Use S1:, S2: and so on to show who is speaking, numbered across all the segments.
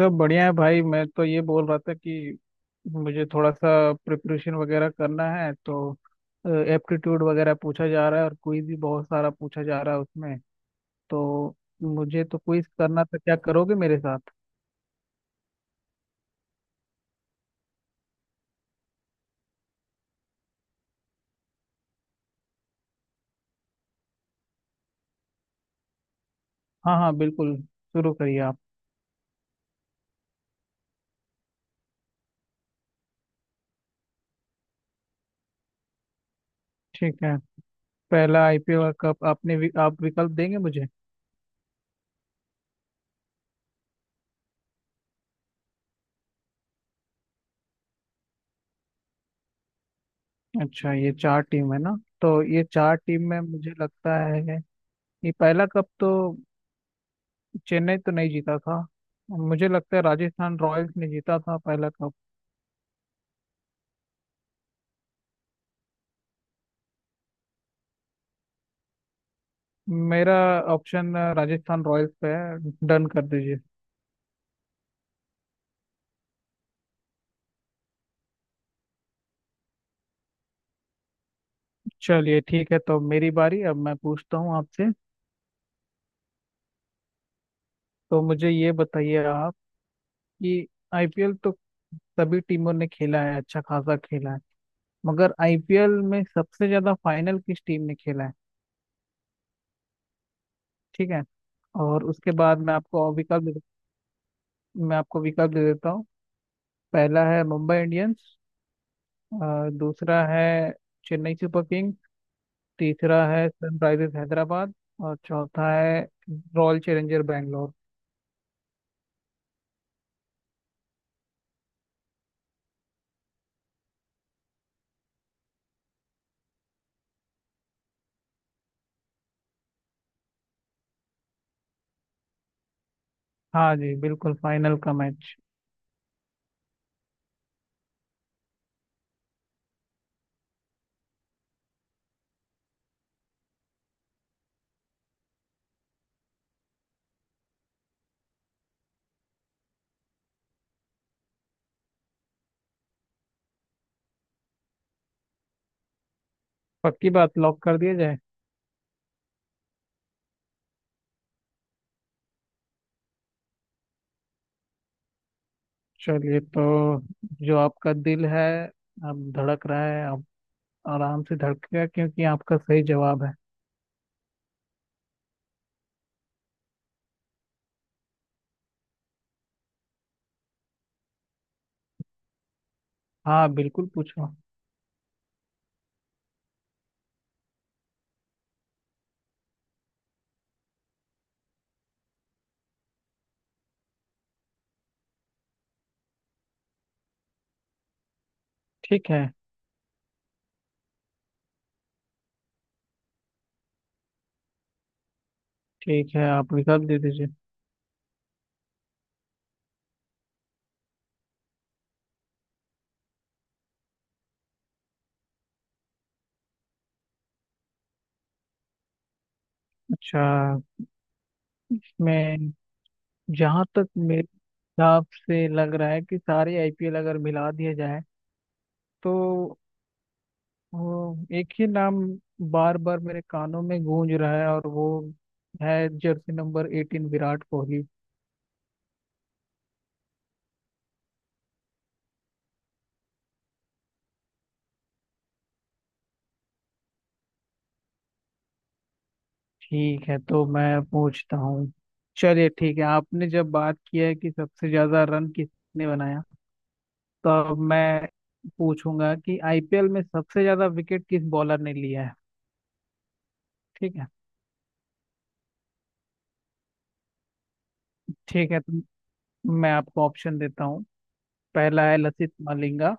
S1: सब बढ़िया है भाई। मैं तो ये बोल रहा था कि मुझे थोड़ा सा प्रिपरेशन वगैरह करना है, तो एप्टीट्यूड वगैरह पूछा जा रहा है और क्विज भी बहुत सारा पूछा जा रहा है उसमें। तो मुझे तो क्विज करना था, क्या करोगे मेरे साथ? हाँ हाँ बिल्कुल, शुरू करिए आप। ठीक है, पहला आईपीएल वर्ल्ड कप आपने आप विकल्प देंगे मुझे? अच्छा, ये चार टीम है ना। तो ये चार टीम में मुझे लगता है ये पहला कप तो चेन्नई तो नहीं जीता था। मुझे लगता है राजस्थान रॉयल्स ने जीता था पहला कप। मेरा ऑप्शन राजस्थान रॉयल्स पे है, डन कर दीजिए। चलिए ठीक है, तो मेरी बारी, अब मैं पूछता हूँ आपसे। तो मुझे ये बताइए आप कि आईपीएल तो सभी टीमों ने खेला है, अच्छा खासा खेला है। मगर आईपीएल में सबसे ज्यादा फाइनल किस टीम ने खेला है? ठीक है, और उसके बाद मैं आपको विकल्प दे देता हूँ। पहला है मुंबई इंडियंस। दूसरा है चेन्नई सुपर किंग्स। तीसरा है सनराइजर्स हैदराबाद, और चौथा है रॉयल चैलेंजर बैंगलोर। हाँ जी, बिल्कुल फाइनल का मैच। पक्की बात, लॉक कर दिया जाए। चलिए तो, जो आपका दिल है अब धड़क रहा है, अब आराम से धड़केगा क्योंकि आपका सही जवाब है। हाँ बिल्कुल, पूछो। ठीक है। ठीक है, आप विकल्प दे दीजिए। अच्छा, मैं जहाँ तक मेरे हिसाब से लग रहा है कि सारे आईपीएल अगर मिला दिए जाए, तो वो एक ही नाम बार बार मेरे कानों में गूंज रहा है, और वो है जर्सी नंबर 18 विराट कोहली। ठीक है, तो मैं पूछता हूँ। चलिए ठीक है, आपने जब बात किया है कि सबसे ज्यादा रन किसने बनाया, तो अब मैं पूछूंगा कि आईपीएल में सबसे ज्यादा विकेट किस बॉलर ने लिया है? ठीक है। ठीक है, तो मैं आपको ऑप्शन देता हूँ। पहला है लसित मलिंगा।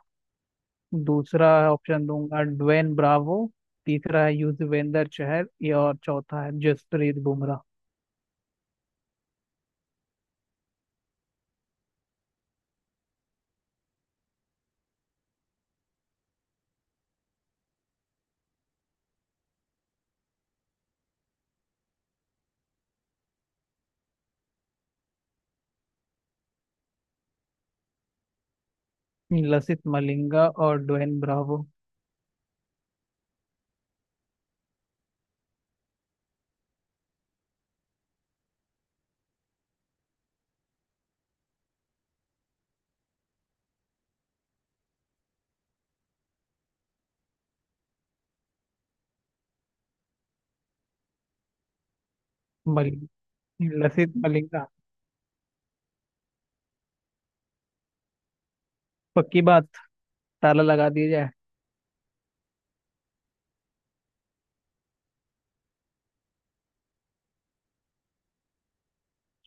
S1: दूसरा ऑप्शन दूंगा ड्वेन ब्रावो। तीसरा है युजवेंद्र चहल ये, और चौथा है जसप्रीत बुमराह। लसित मलिंगा और ड्वेन ब्रावो। मलिंग लसित मलिंगा। पक्की बात, ताला लगा दिया जाए।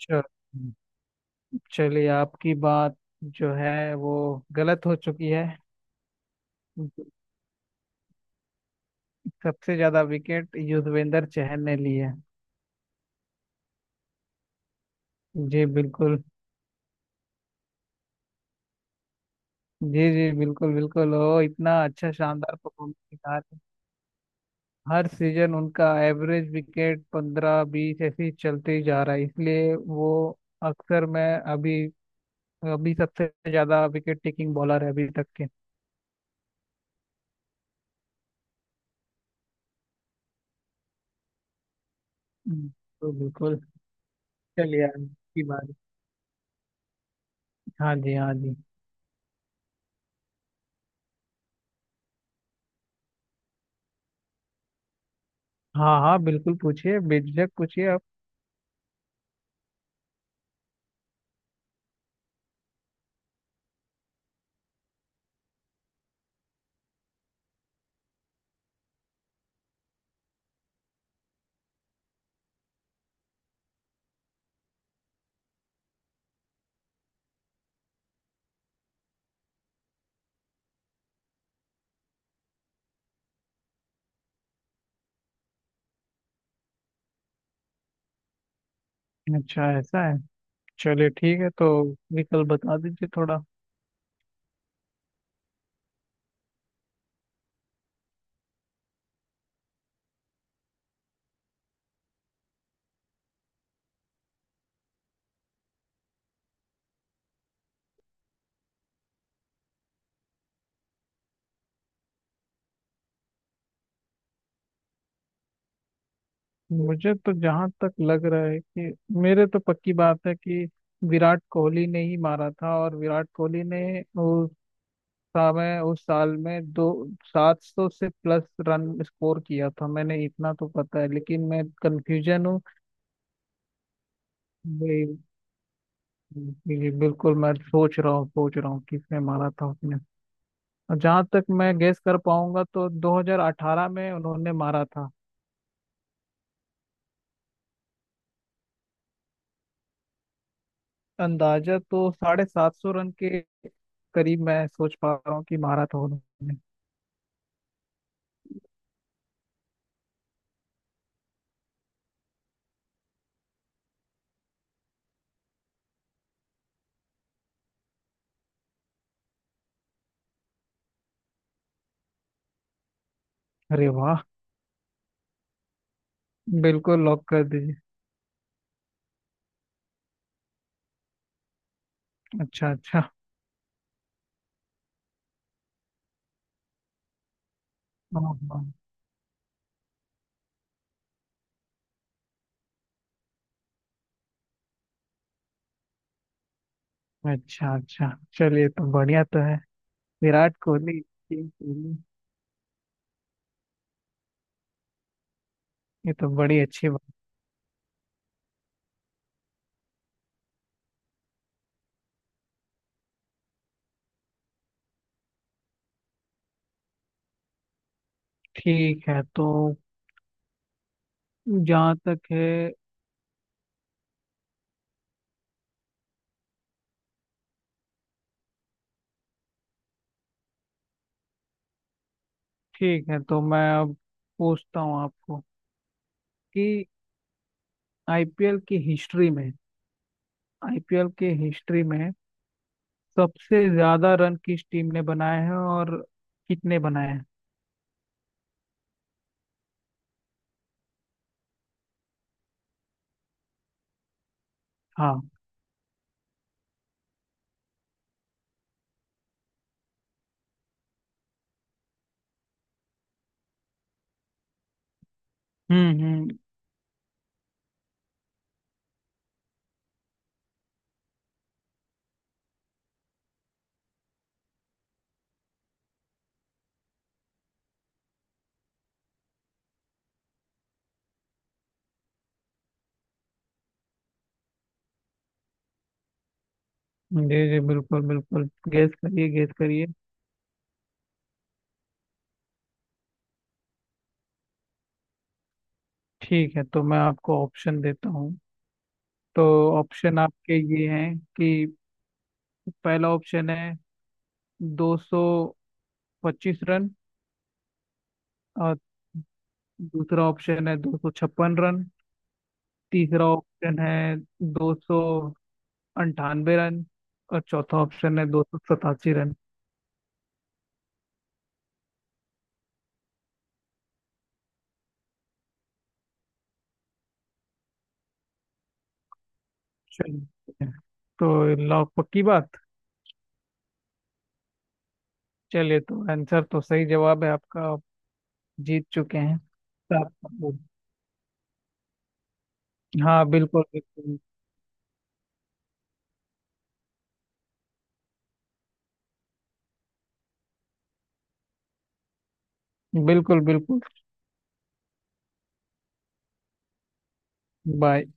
S1: चल चलिए, आपकी बात जो है वो गलत हो चुकी है। सबसे ज्यादा विकेट युजवेंद्र चहल ने लिए हैं। जी बिल्कुल। जी जी, बिल्कुल बिल्कुल ओ। इतना अच्छा शानदार परफॉर्मेंस, हर सीजन उनका एवरेज विकेट 15-20 ऐसे ही चलते ही जा रहा है, इसलिए वो अक्सर, मैं अभी अभी सबसे ज्यादा विकेट टेकिंग बॉलर है अभी तक के। हम्म, तो बिल्कुल। चलिए, अब की बारी। हाँ जी हाँ जी। हाँ हाँ बिल्कुल, पूछिए बेझिझक, पूछिए आप। अच्छा ऐसा है। चलिए ठीक है, तो विकल्प बता दीजिए थोड़ा। मुझे तो जहाँ तक लग रहा है कि, मेरे तो पक्की बात है कि विराट कोहली ने ही मारा था, और विराट कोहली ने था, मैं उस साल में दो 700 से प्लस रन स्कोर किया था मैंने, इतना तो पता है लेकिन मैं कंफ्यूजन हूँ। ये- ये बिल्कुल, मैं सोच रहा हूँ किसने मारा था उसने, और जहाँ तक मैं गेस कर पाऊंगा तो 2018 में उन्होंने मारा था। अंदाजा तो 750 रन के करीब मैं सोच पा रहा हूँ कि मारा था उन्होंने। अरे वाह, बिल्कुल लॉक कर दीजिए। अच्छा अच्छा। हाँ हाँ। अच्छा अच्छा। चलिए, तो बढ़िया तो है। विराट कोहली, ठीक कोहली। ये तो बड़ी अच्छी बात। ठीक है, तो जहाँ तक है। ठीक है, तो मैं अब पूछता हूँ आपको कि आईपीएल की हिस्ट्री में, आईपीएल की हिस्ट्री में सबसे ज्यादा रन किस टीम ने बनाए हैं, और कितने बनाए हैं? हाँ। हम्म। जी जी, बिल्कुल बिल्कुल, गेस करिए गेस करिए। ठीक है, तो मैं आपको ऑप्शन देता हूँ। तो ऑप्शन आपके ये हैं कि पहला ऑप्शन है 225 रन, और दूसरा ऑप्शन है 256 रन। तीसरा ऑप्शन है 298 रन, और चौथा ऑप्शन है 287 रन। चलिए तो, लॉक पक्की बात। चलिए, तो आंसर तो सही जवाब है, आपका आप जीत चुके हैं। सात- हाँ बिल्कुल बिल्कुल, बिल्कुल बिल्कुल, बाय।